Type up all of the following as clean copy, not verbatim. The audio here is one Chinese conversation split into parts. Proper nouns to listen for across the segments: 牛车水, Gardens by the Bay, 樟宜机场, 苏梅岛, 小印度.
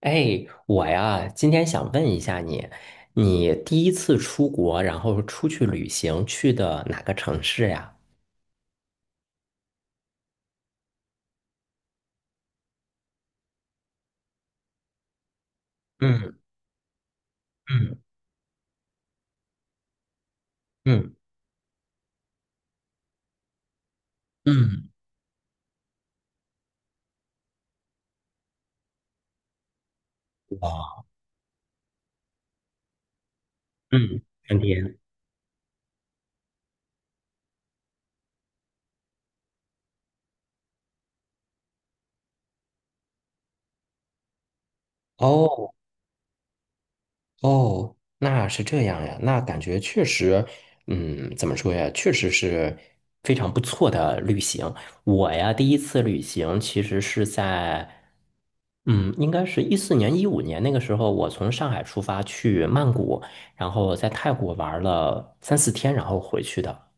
哎，我呀，今天想问一下你，你第一次出国，然后出去旅行，去的哪个城市呀？嗯嗯嗯嗯，哇，嗯，天天哦。哦，那是这样呀，那感觉确实，嗯，怎么说呀，确实是非常不错的旅行。我呀，第一次旅行其实是在，嗯，应该是14年、15年那个时候，我从上海出发去曼谷，然后在泰国玩了3、4天，然后回去的。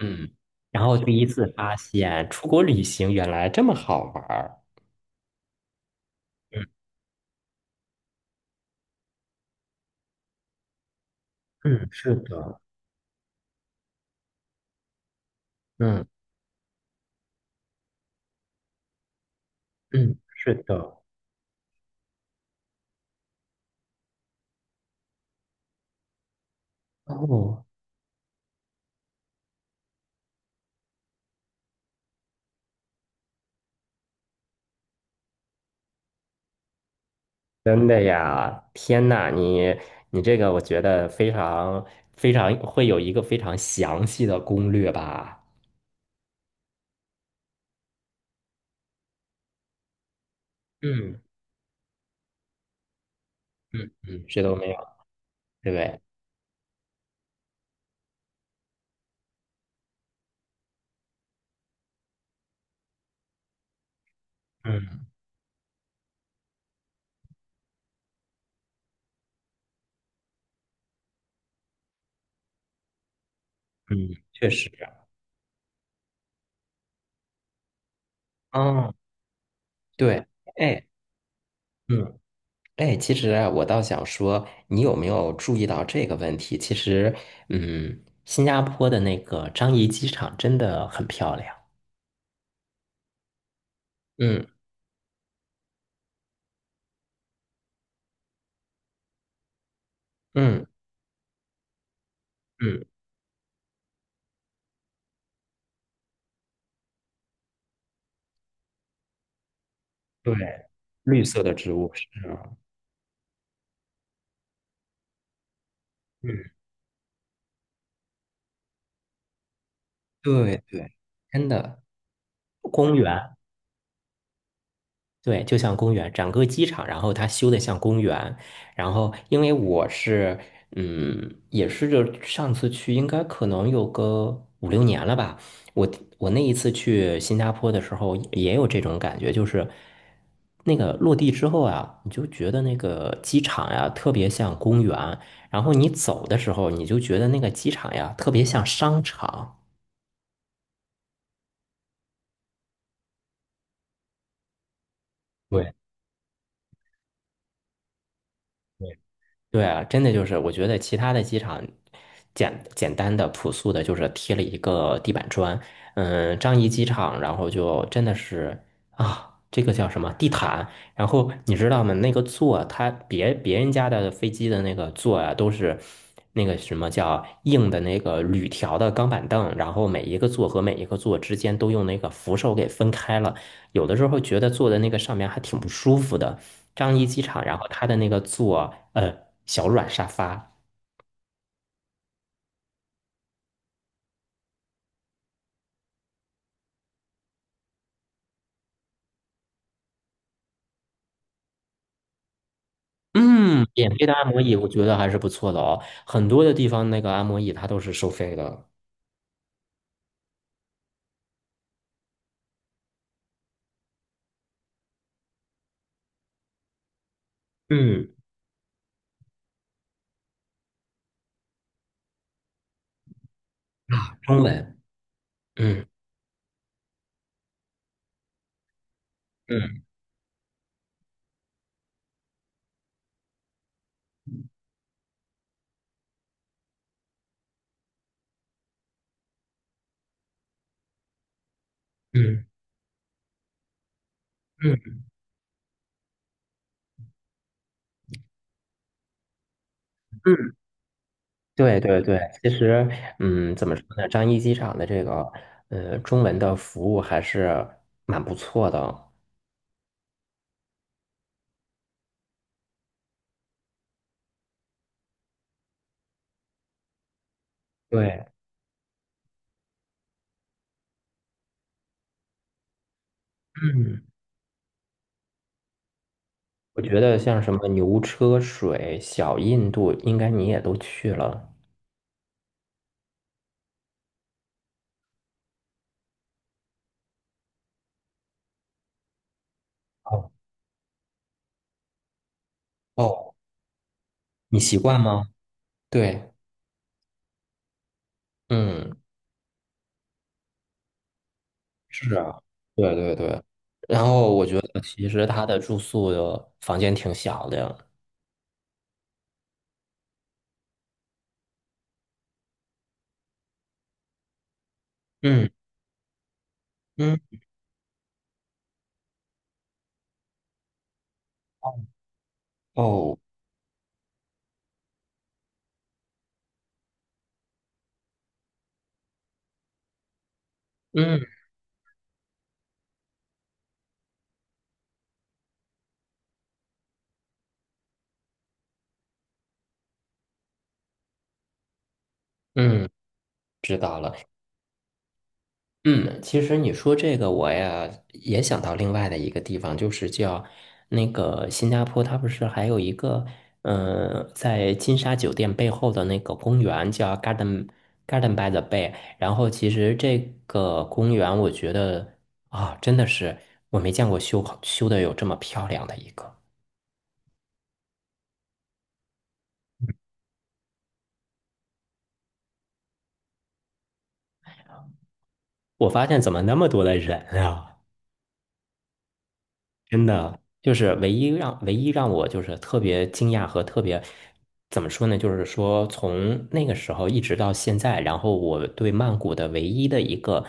嗯，然后第一次发现出国旅行原来这么好玩儿。嗯嗯，是的，嗯嗯，是的。哦，天呐，你这个我觉得非常非常会有一个非常详细的攻略吧？嗯嗯嗯这都没有，对不对？嗯嗯，确实，嗯，对，哎，嗯哎，其实啊，我倒想说，你有没有注意到这个问题？其实，嗯，新加坡的那个樟宜机场真的很漂亮。嗯嗯，嗯，对，绿色的植物是啊，嗯对对，真的公园。对，就像公园，整个机场，然后它修的像公园。然后，因为我是，嗯，也是就上次去，应该可能有个5、6年了吧。我我那一次去新加坡的时候，也有这种感觉，就是那个落地之后啊，你就觉得那个机场呀，特别像公园。然后你走的时候，你就觉得那个机场呀，特别像商场。对，对啊，真的就是，我觉得其他的机场简单的、朴素的，就是贴了一个地板砖。嗯，樟宜机场，然后就真的是啊，这个叫什么地毯？然后你知道吗？那个座，它别人家的飞机的那个座啊，都是那个什么叫硬的那个铝条的钢板凳，然后每一个座和每一个座之间都用那个扶手给分开了。有的时候觉得坐在那个上面还挺不舒服的。樟宜机场，然后它的那个座，小软沙发，嗯，免费的按摩椅，我觉得还是不错的哦。很多的地方那个按摩椅它都是收费的。嗯啊，中文，嗯嗯嗯嗯嗯，对对对，其实，嗯，怎么说呢？樟宜机场的这个，中文的服务还是蛮不错的。对，嗯。我觉得像什么牛车水、小印度，应该你也都去了。哦哦，你习惯吗？对，嗯，是啊，对对对。然后我觉得其实他的住宿的房间挺小的。嗯嗯，哦，嗯嗯，知道了。嗯其实你说这个，我呀也想到另外的一个地方，就是叫那个新加坡，它不是还有一个，嗯、在金沙酒店背后的那个公园叫 Garden by the Bay。然后其实这个公园，我觉得啊、真的是我没见过修好修的有这么漂亮的一个。我发现怎么那么多的人啊？真的就是唯一让我就是特别惊讶和特别怎么说呢？就是说从那个时候一直到现在，然后我对曼谷的唯一的一个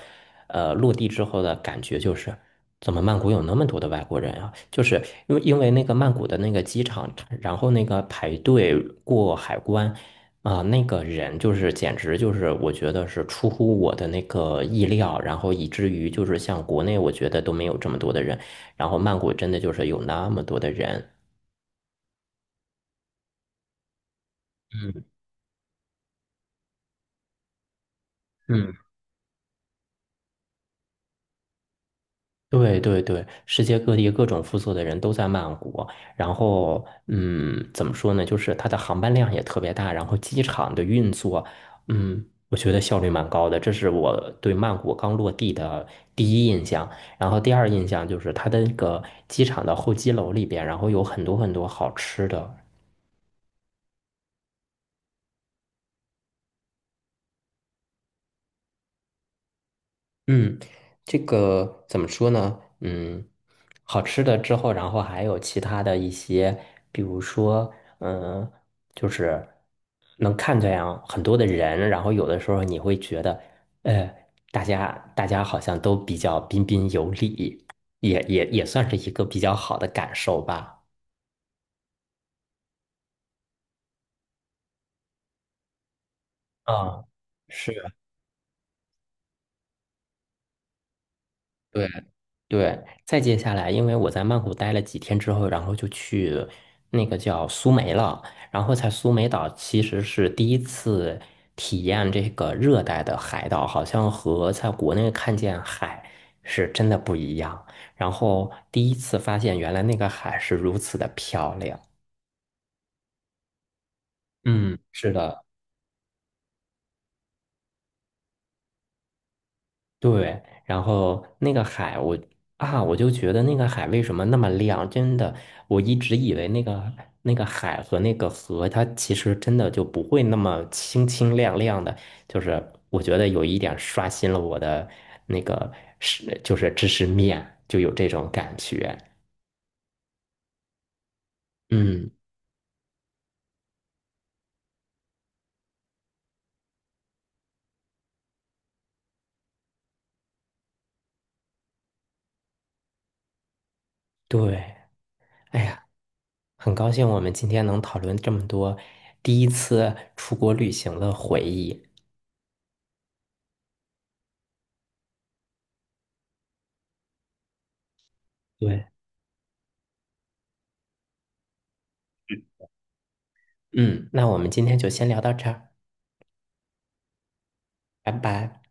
落地之后的感觉就是，怎么曼谷有那么多的外国人啊？就是因为那个曼谷的那个机场，然后那个排队过海关啊、那个人就是简直就是我觉得是出乎我的那个意料，然后以至于就是像国内我觉得都没有这么多的人。然后曼谷真的就是有那么多的人。嗯嗯对对对，世界各地各种肤色的人都在曼谷，然后嗯，怎么说呢？就是它的航班量也特别大，然后机场的运作，嗯，我觉得效率蛮高的，这是我对曼谷刚落地的第一印象。然后第二印象就是它的那个机场的候机楼里边，然后有很多很多好吃的。嗯，这个怎么说呢？嗯，好吃的之后，然后还有其他的一些，比如说，嗯，就是能看见啊很多的人，然后有的时候你会觉得，呃，大家好像都比较彬彬有礼，也算是一个比较好的感受吧。啊，是。对。对，再接下来，因为我在曼谷待了几天之后，然后就去那个叫苏梅了，然后在苏梅岛其实是第一次体验这个热带的海岛，好像和在国内看见海是真的不一样。然后第一次发现原来那个海是如此的漂亮。嗯，是的，对，然后那个海我，啊，我就觉得那个海为什么那么亮？真的，我一直以为那个海和那个河，它其实真的就不会那么清清亮亮的。就是我觉得有一点刷新了我的那个是，就是知识面，就有这种感觉。嗯，对，哎呀，很高兴我们今天能讨论这么多第一次出国旅行的回忆。对，嗯，那我们今天就先聊到这儿。拜拜。